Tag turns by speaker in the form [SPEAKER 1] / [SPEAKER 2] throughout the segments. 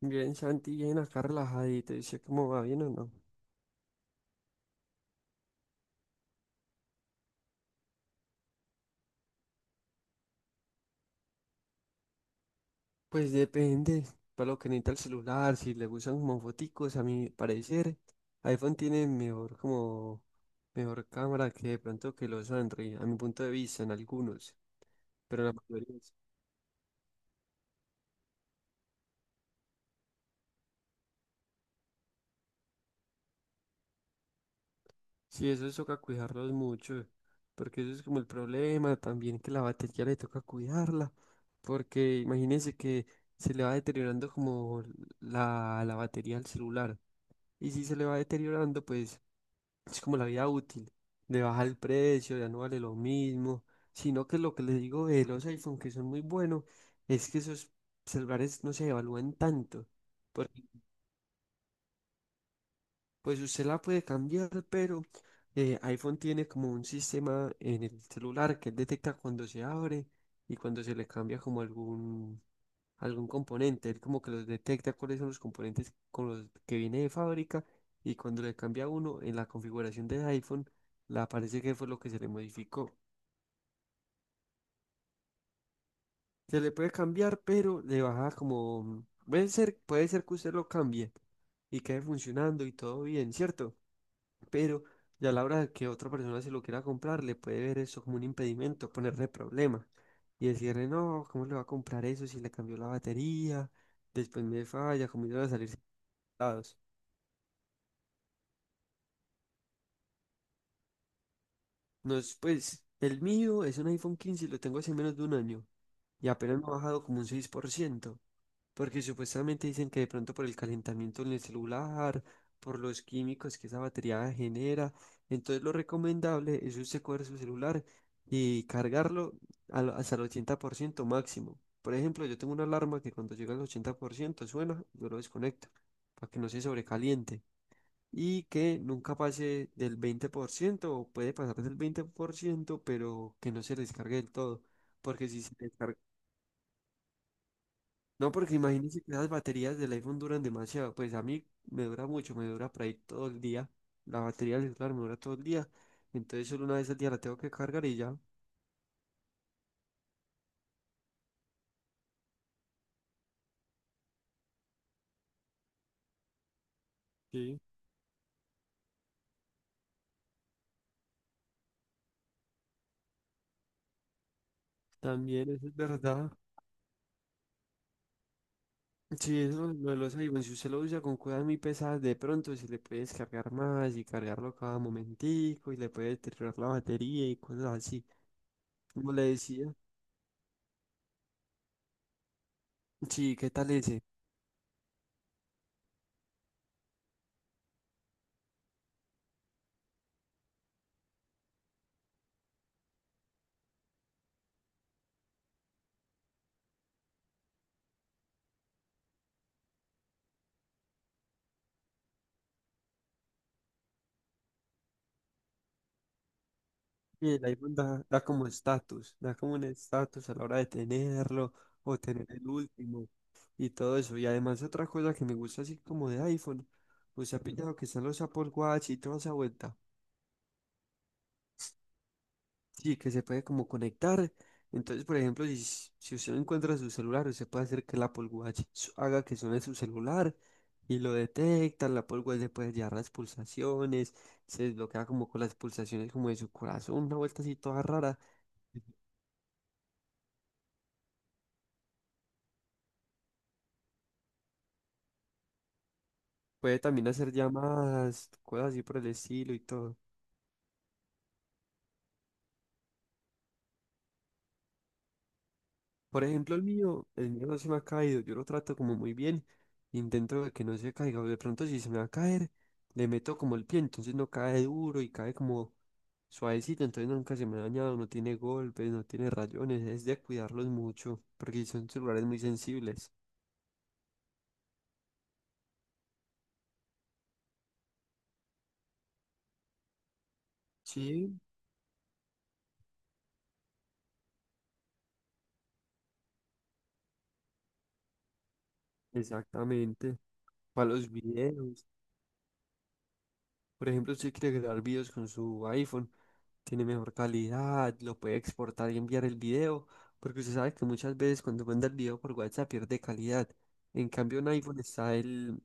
[SPEAKER 1] Bien, Santi, bien acá relajadito. Dice cómo va bien o no. Pues depende. Para lo que necesita el celular, si le gustan como foticos, a mi parecer, iPhone tiene mejor como mejor cámara que de pronto que los Android, a mi punto de vista, en algunos. Pero en la mayoría. Sí, eso toca cuidarlos mucho. Porque eso es como el problema también que la batería le toca cuidarla. Porque imagínense que se le va deteriorando como la batería al celular. Y si se le va deteriorando, pues es como la vida útil, de bajar el precio, ya no vale lo mismo, sino que lo que les digo de los iPhone, que son muy buenos, es que esos celulares no se evalúan tanto. Por Pues usted la puede cambiar, pero iPhone tiene como un sistema en el celular que él detecta cuando se abre y cuando se le cambia como algún componente. Él como que los detecta cuáles son los componentes con los que viene de fábrica y cuando le cambia uno en la configuración del iPhone, le aparece que fue lo que se le modificó. Se le puede cambiar, pero le baja como... puede ser que usted lo cambie y quede funcionando y todo bien, ¿cierto? Pero ya a la hora de que otra persona se lo quiera comprar, le puede ver eso como un impedimento, ponerle problemas y decirle, no, ¿cómo le va a comprar eso si le cambió la batería? Después me falla, ¿cómo iban a salir lados? No es, pues, el mío es un iPhone 15 y lo tengo hace menos de un año y apenas me ha bajado como un 6%. Porque supuestamente dicen que de pronto por el calentamiento en el celular, por los químicos que esa batería genera, entonces lo recomendable es usted coger su celular y cargarlo hasta el 80% máximo. Por ejemplo, yo tengo una alarma que cuando llega al 80% suena, yo lo desconecto para que no se sobrecaliente y que nunca pase del 20% o puede pasar del 20% pero que no se descargue del todo, porque si se descarga no, porque imagínense que las baterías del iPhone duran demasiado. Pues a mí me dura mucho, me dura por ahí todo el día. La batería del celular me dura todo el día. Entonces solo una vez al día la tengo que cargar y ya. Sí, también eso es verdad. Sí, eso lo de los iPhones, si usted lo usa con cosas muy pesadas, de pronto se le puede descargar más y cargarlo cada momentico y le puede deteriorar la batería y cosas así. Como le decía, sí, ¿qué tal ese? Y el iPhone da, da como estatus, da como un estatus a la hora de tenerlo o tener el último y todo eso. Y además otra cosa que me gusta así como de iPhone, pues ha pillado que están los Apple Watch y toda esa vuelta. Sí, que se puede como conectar. Entonces, por ejemplo, si usted no encuentra su celular, usted puede hacer que el Apple Watch haga que suene su celular y lo detecta. El Apple Watch le puede llevar las pulsaciones, se desbloquea como con las pulsaciones como de su corazón, una vuelta así toda rara. Puede también hacer llamadas, cosas así por el estilo y todo. Por ejemplo, el mío no se me ha caído, yo lo trato como muy bien, intento de que no se caiga, o de pronto si se me va a caer, le meto como el pie, entonces no cae duro y cae como suavecito, entonces nunca se me ha dañado, no tiene golpes, no tiene rayones, es de cuidarlos mucho, porque son celulares muy sensibles. Sí, exactamente, para los videos. Por ejemplo, si quiere grabar videos con su iPhone, tiene mejor calidad, lo puede exportar y enviar el video, porque usted sabe que muchas veces cuando manda el video por WhatsApp pierde calidad. En cambio, en iPhone está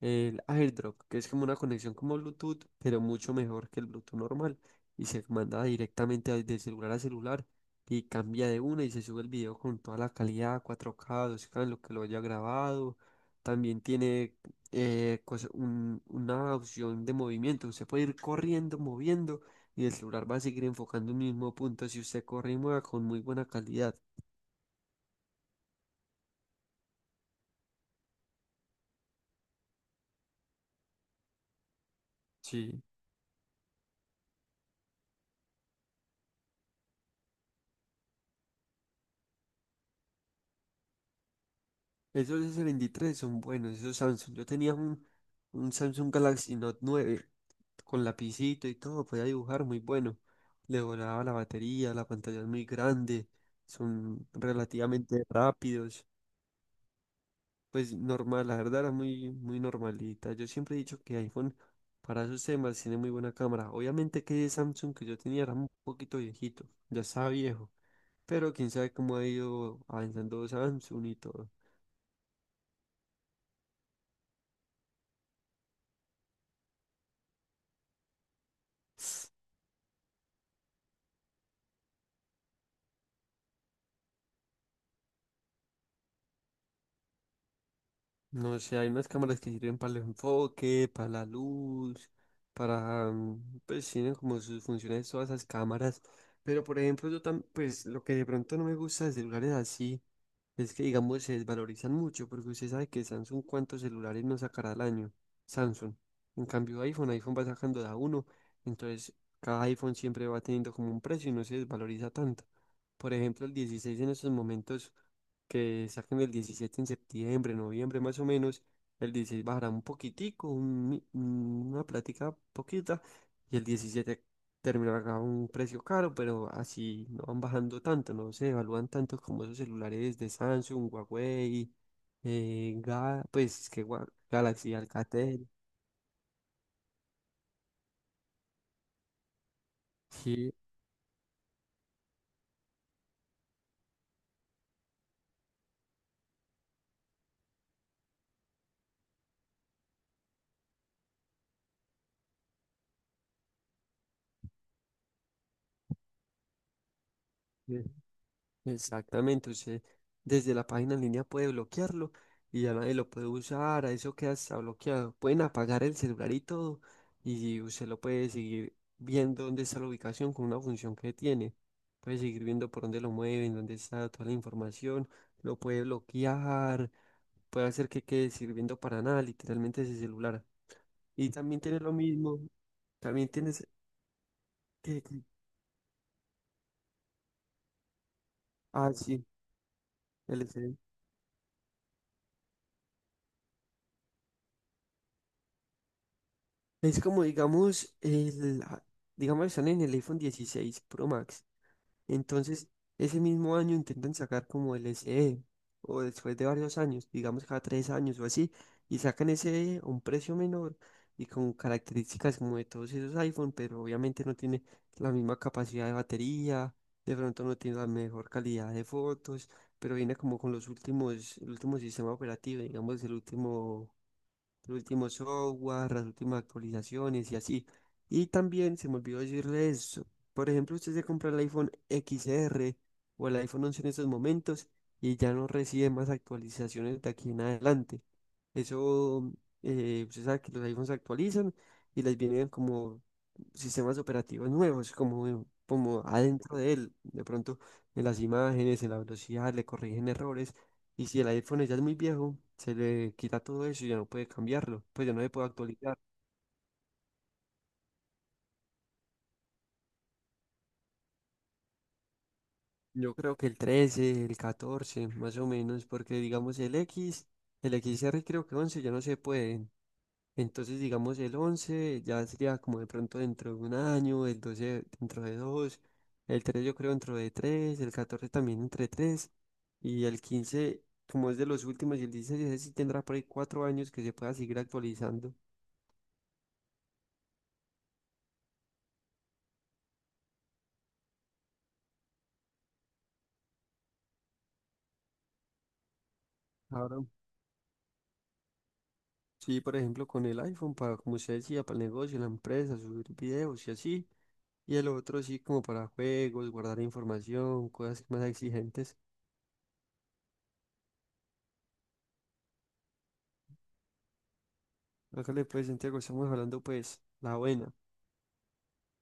[SPEAKER 1] el AirDrop, que es como una conexión como Bluetooth, pero mucho mejor que el Bluetooth normal. Y se manda directamente de celular a celular y cambia de una y se sube el video con toda la calidad, 4K, 2K, en lo que lo haya grabado. También tiene una opción de movimiento. Usted puede ir corriendo, moviendo y el celular va a seguir enfocando un mismo punto si usted corre y mueve con muy buena calidad. Sí. Esos S23 son buenos, esos Samsung. Yo tenía un Samsung Galaxy Note 9 con lapicito y todo, podía dibujar muy bueno. Le volaba la batería, la pantalla es muy grande, son relativamente rápidos. Pues normal, la verdad era muy normalita. Yo siempre he dicho que iPhone para esos temas tiene muy buena cámara. Obviamente que ese Samsung que yo tenía era un poquito viejito, ya estaba viejo, pero quién sabe cómo ha ido avanzando Samsung y todo. No sé, hay unas cámaras que sirven para el enfoque, para la luz, pues tienen como sus funciones todas esas cámaras. Pero por ejemplo, yo también, pues lo que de pronto no me gusta de celulares así. Es que, digamos, se desvalorizan mucho porque usted sabe que Samsung cuántos celulares no sacará al año. Samsung. En cambio, iPhone va sacando de a uno. Entonces, cada iPhone siempre va teniendo como un precio y no se desvaloriza tanto. Por ejemplo, el 16 en estos momentos que saquen el 17 en septiembre, noviembre más o menos, el 16 bajará un poquitico, una plática poquita, y el 17 terminará a un precio caro, pero así no van bajando tanto, no se evalúan tanto como esos celulares de Samsung, Huawei, Galaxy, Alcatel. Sí, sí. Exactamente, usted desde la página en línea puede bloquearlo y ya nadie lo puede usar, a eso queda hasta bloqueado. Pueden apagar el celular y todo y usted lo puede seguir viendo dónde está la ubicación con una función que tiene. Puede seguir viendo por dónde lo mueven, dónde está toda la información, lo puede bloquear, puede hacer que quede sirviendo para nada, literalmente ese celular. Y también tiene lo mismo, también tienes que... Ah, sí, es como, digamos, están en el iPhone 16 Pro Max. Entonces, ese mismo año intentan sacar como el SE, o después de varios años, digamos cada tres años o así, y sacan ese E a un precio menor y con características como de todos esos iPhone, pero obviamente no tiene la misma capacidad de batería, de pronto no tiene la mejor calidad de fotos, pero viene como con los últimos, el último sistema operativo, digamos, el último los últimos software, las últimas actualizaciones y así. Y también se me olvidó decirle eso, por ejemplo, usted se compra el iPhone XR o el iPhone 11 en estos momentos y ya no recibe más actualizaciones de aquí en adelante. Eso, usted sabe que los iPhones se actualizan y les vienen como sistemas operativos nuevos, como adentro de él. De pronto, en las imágenes, en la velocidad, le corrigen errores. Y si el iPhone ya es muy viejo, se le quita todo eso y ya no puede cambiarlo, pues ya no se puede actualizar. Yo creo que el 13, el 14, más o menos, porque digamos el X, el XR creo que 11 ya no se pueden. Entonces digamos el 11 ya sería como de pronto dentro de un año, el 12 dentro de dos, el 3 yo creo dentro de tres, el 14 también entre tres, y el 15 como es de los últimos y el 16 ese sí tendrá por ahí 4 años que se pueda seguir actualizando. Ahora, sí, por ejemplo, con el iPhone, para, como usted decía, para el negocio, la empresa, subir videos y así. Y el otro sí, como para juegos, guardar información, cosas más exigentes. Hágale pues, Santiago, estamos hablando pues, la buena.